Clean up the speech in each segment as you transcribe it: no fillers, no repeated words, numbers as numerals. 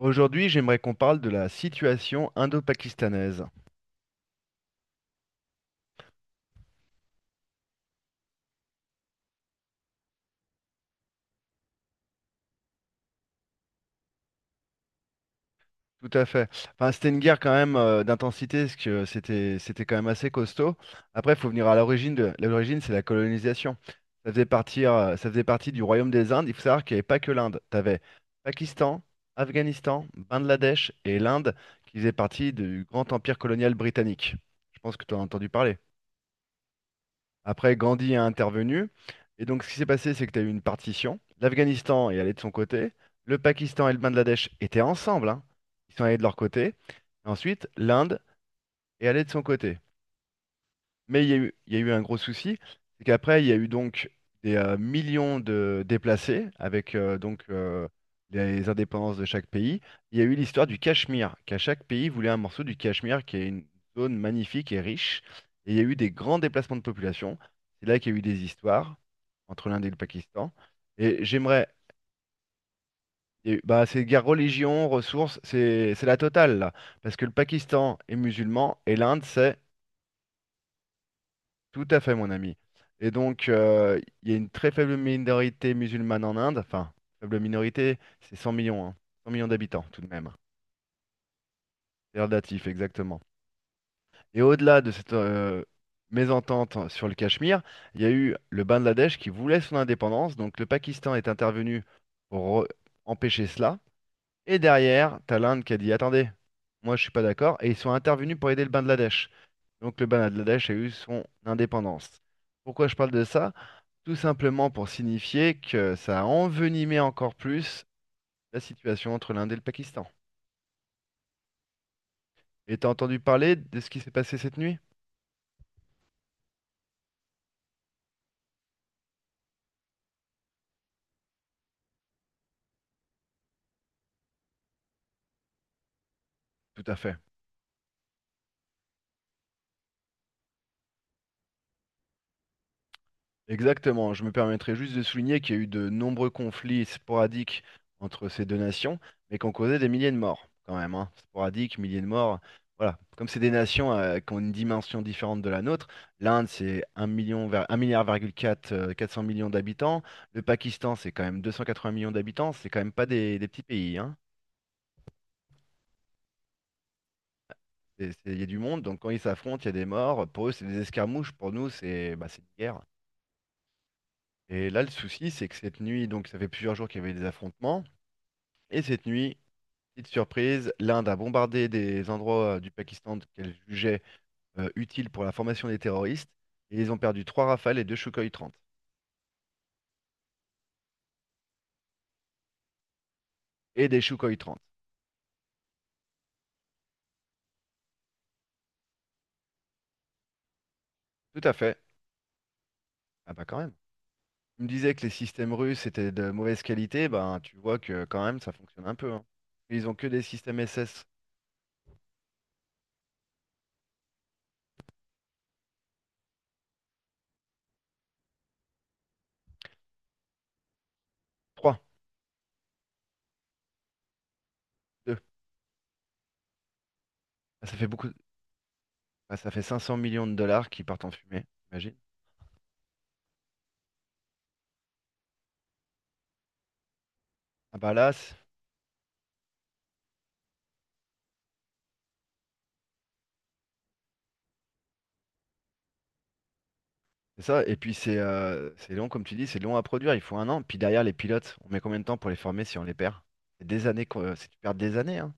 Aujourd'hui, j'aimerais qu'on parle de la situation indo-pakistanaise. Tout à fait. Enfin, c'était une guerre quand même d'intensité, parce que c'était quand même assez costaud. Après, il faut venir à l'origine de l'origine, c'est la colonisation. Ça faisait partie du Royaume des Indes. Il faut savoir qu'il n'y avait pas que l'Inde. Tu avais Pakistan, Afghanistan, Bangladesh et l'Inde qui faisaient partie du grand empire colonial britannique. Je pense que tu as entendu parler. Après, Gandhi a intervenu. Et donc, ce qui s'est passé, c'est que tu as eu une partition. L'Afghanistan est allé de son côté. Le Pakistan et le Bangladesh étaient ensemble, hein. Ils sont allés de leur côté. Ensuite, l'Inde est allée de son côté. Mais il y a eu un gros souci, c'est qu'après, il y a eu donc des millions de déplacés avec donc les indépendances de chaque pays. Il y a eu l'histoire du Cachemire, qu'à chaque pays voulait un morceau du Cachemire, qui est une zone magnifique et riche. Et il y a eu des grands déplacements de population. C'est là qu'il y a eu des histoires entre l'Inde et le Pakistan. Et j'aimerais, il y a eu- bah, c'est guerre religion, ressources, c'est la totale là, parce que le Pakistan est musulman et l'Inde c'est Tout à fait, mon ami. Et donc, il y a une très faible minorité musulmane en Inde. Enfin, faible minorité, c'est 100 millions, hein. 100 millions d'habitants, tout de même. C'est relatif, exactement. Et au-delà de cette mésentente sur le Cachemire, il y a eu le Bangladesh qui voulait son indépendance. Donc, le Pakistan est intervenu pour empêcher cela. Et derrière, t'as l'Inde qui a dit, attendez, moi, je suis pas d'accord. Et ils sont intervenus pour aider le Bangladesh. Donc, le Bangladesh a eu son indépendance. Pourquoi je parle de ça? Tout simplement pour signifier que ça a envenimé encore plus la situation entre l'Inde et le Pakistan. Et t'as entendu parler de ce qui s'est passé cette nuit? Tout à fait. Exactement. Je me permettrai juste de souligner qu'il y a eu de nombreux conflits sporadiques entre ces deux nations, mais qui ont causé des milliers de morts, quand même, hein. Sporadiques, milliers de morts. Voilà. Comme c'est des nations qui ont une dimension différente de la nôtre, l'Inde, c'est un million, un milliard, virgule quatre, 400 millions d'habitants. Le Pakistan, c'est quand même 280 millions d'habitants. C'est quand même pas des petits pays, hein. Il y a du monde, donc quand ils s'affrontent, il y a des morts. Pour eux, c'est des escarmouches, pour nous, c'est bah, c'est une guerre. Et là, le souci, c'est que cette nuit, donc ça fait plusieurs jours qu'il y avait des affrontements, et cette nuit, petite surprise, l'Inde a bombardé des endroits du Pakistan qu'elle jugeait utiles pour la formation des terroristes, et ils ont perdu trois Rafales et deux Sukhoi 30. Et des Sukhoi 30. Tout à fait. Ah bah quand même. Tu me disais que les systèmes russes étaient de mauvaise qualité, ben tu vois que quand même, ça fonctionne un peu. Hein. Ils ont que des systèmes SS. 3, 2. Ah, ça fait beaucoup. Bah, ça fait 500 millions de dollars qui partent en fumée, imagine. Ah bah là, c'est ça. Et puis c'est long, comme tu dis, c'est long à produire. Il faut un an. Puis derrière, les pilotes, on met combien de temps pour les former si on les perd? C'est tu perds des années, hein.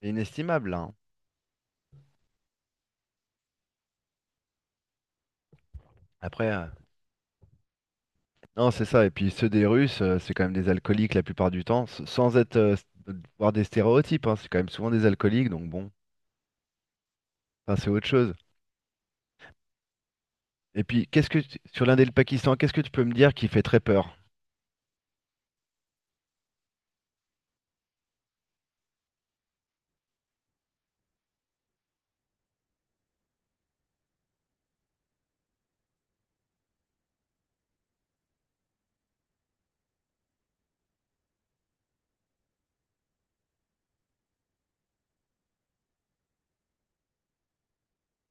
C'est inestimable, là. Hein. Après, non, c'est ça. Et puis ceux des Russes, c'est quand même des alcooliques la plupart du temps, sans être voir des stéréotypes. Hein. C'est quand même souvent des alcooliques, donc bon, enfin, c'est autre chose. Et puis, sur l'Inde et le Pakistan, qu'est-ce que tu peux me dire qui fait très peur?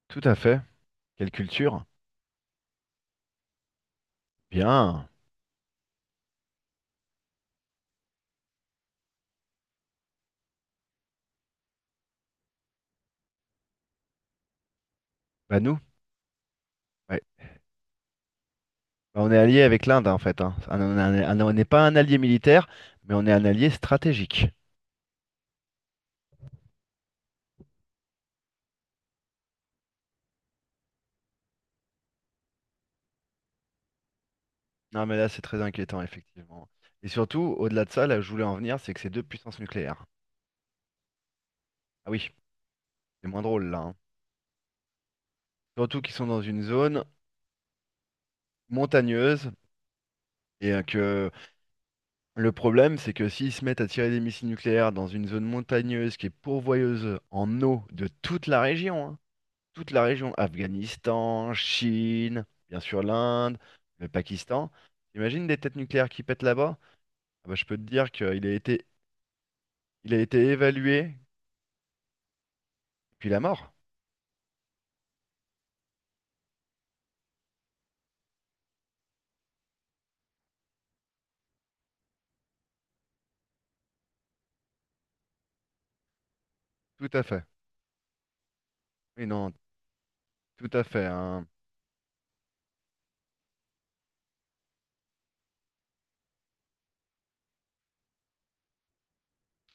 Tout à fait. Quelle culture? Bien. Bah nous. Ouais. Bah, on est allié avec l'Inde hein, en fait. Hein. On n'est pas un allié militaire, mais on est un allié stratégique. Non mais là c'est très inquiétant effectivement. Et surtout, au-delà de ça, là où je voulais en venir, c'est que c'est deux puissances nucléaires. Ah oui, c'est moins drôle là. Hein. Surtout qu'ils sont dans une zone montagneuse et que le problème c'est que s'ils se mettent à tirer des missiles nucléaires dans une zone montagneuse qui est pourvoyeuse en eau de toute la région, hein, toute la région, Afghanistan, Chine, bien sûr l'Inde, le Pakistan. Imagine des têtes nucléaires qui pètent là-bas? Ah bah, je peux te dire qu'il a été, il a été évalué, puis la mort. Tout à fait. Oui, non, tout à fait. Hein.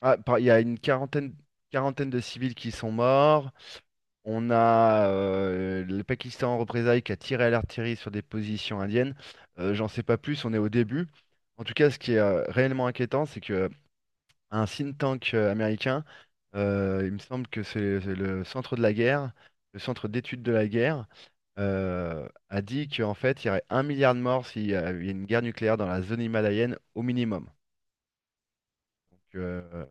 Ah, il y a quarantaine de civils qui sont morts. On a le Pakistan en représailles qui a tiré à l'artillerie sur des positions indiennes. J'en sais pas plus, on est au début. En tout cas, ce qui est réellement inquiétant, c'est que un think tank américain. Il me semble que c'est le centre de la guerre, le centre d'études de la guerre, a dit qu'en fait, il y aurait un milliard de morts s'il y avait une guerre nucléaire dans la zone himalayenne au minimum. Donc,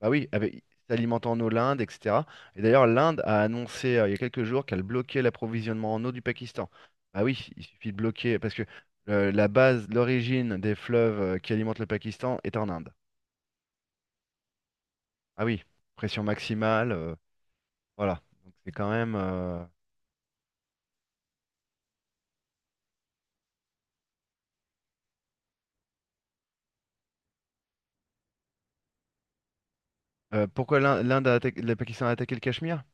bah oui, avec, s'alimentant en eau l'Inde, etc. Et d'ailleurs, l'Inde a annoncé il y a quelques jours qu'elle bloquait l'approvisionnement en eau du Pakistan. Bah oui, il suffit de bloquer parce que la base, l'origine des fleuves qui alimentent le Pakistan est en Inde. Ah oui, pression maximale. Voilà. Donc c'est quand même. Pourquoi l'Inde a attaqué, le Pakistan a attaqué le Cachemire?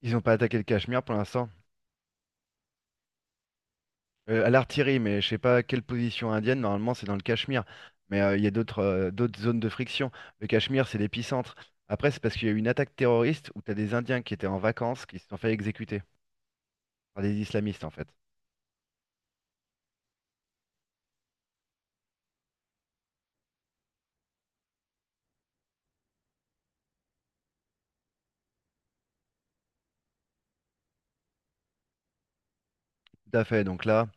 Ils n'ont pas attaqué le Cachemire pour l'instant. À l'artillerie, mais je sais pas quelle position indienne. Normalement, c'est dans le Cachemire. Mais il y a d'autres d'autres zones de friction. Le Cachemire, c'est l'épicentre. Après, c'est parce qu'il y a eu une attaque terroriste où tu as des Indiens qui étaient en vacances qui se sont fait exécuter par des islamistes, en fait. Tout à fait. Donc là,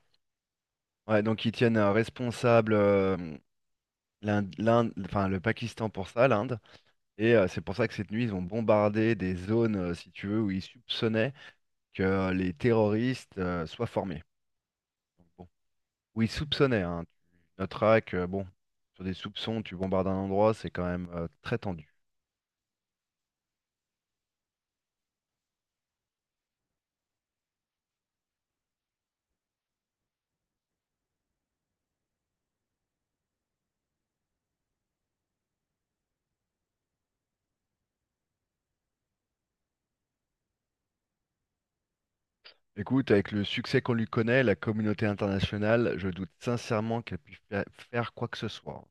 ouais, donc ils tiennent responsable enfin, le Pakistan pour ça, l'Inde. Et c'est pour ça que cette nuit, ils ont bombardé des zones, si tu veux, où ils soupçonnaient que les terroristes soient formés. Donc, bon, où ils soupçonnaient, hein. Tu noteras que, bon, sur des soupçons, tu bombardes un endroit, c'est quand même très tendu. Écoute, avec le succès qu'on lui connaît, la communauté internationale, je doute sincèrement qu'elle puisse faire quoi que ce soit.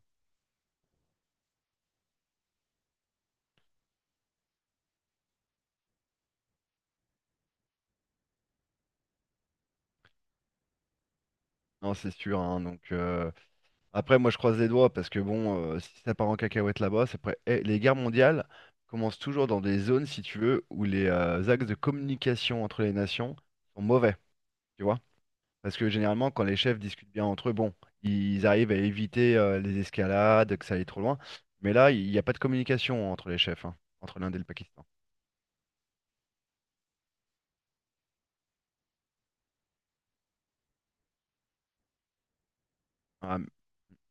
Non, c'est sûr, hein, donc après, moi, je croise les doigts parce que bon, si ça part en cacahuète là-bas, c'est prêt. Eh, les guerres mondiales commencent toujours dans des zones, si tu veux, où les axes de communication entre les nations sont mauvais, tu vois? Parce que généralement, quand les chefs discutent bien entre eux, bon, ils arrivent à éviter les escalades, que ça aille trop loin. Mais là, il n'y a pas de communication entre les chefs, hein, entre l'Inde et le Pakistan. Ah,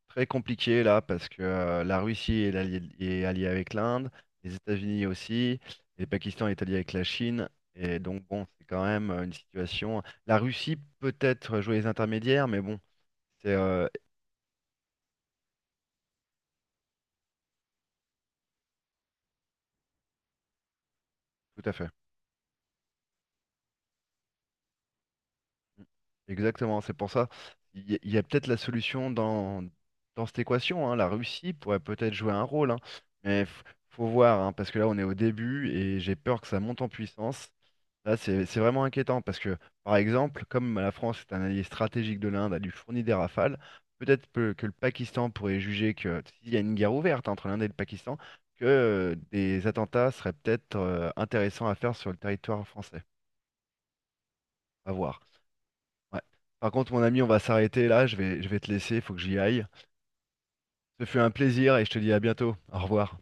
très compliqué là parce que la Russie est alliée avec l'Inde, les États-Unis aussi, et le Pakistan est allié avec la Chine. Et donc bon, c'est quand même une situation. La Russie peut-être jouer les intermédiaires, mais bon, c'est tout à fait. Mm. Exactement, c'est pour ça. Il y a peut-être la solution dans, dans cette équation. Hein. La Russie pourrait peut-être jouer un rôle, hein. Mais faut voir, hein, parce que là on est au début et j'ai peur que ça monte en puissance. Là, c'est vraiment inquiétant parce que, par exemple, comme la France est un allié stratégique de l'Inde, elle lui fournit des rafales, que, le Pakistan pourrait juger que s'il y a une guerre ouverte entre l'Inde et le Pakistan, que des attentats seraient peut-être intéressants à faire sur le territoire français. À voir. Ouais. Par contre, mon ami, on va s'arrêter là. Je vais te laisser, il faut que j'y aille. Ce fut un plaisir et je te dis à bientôt. Au revoir.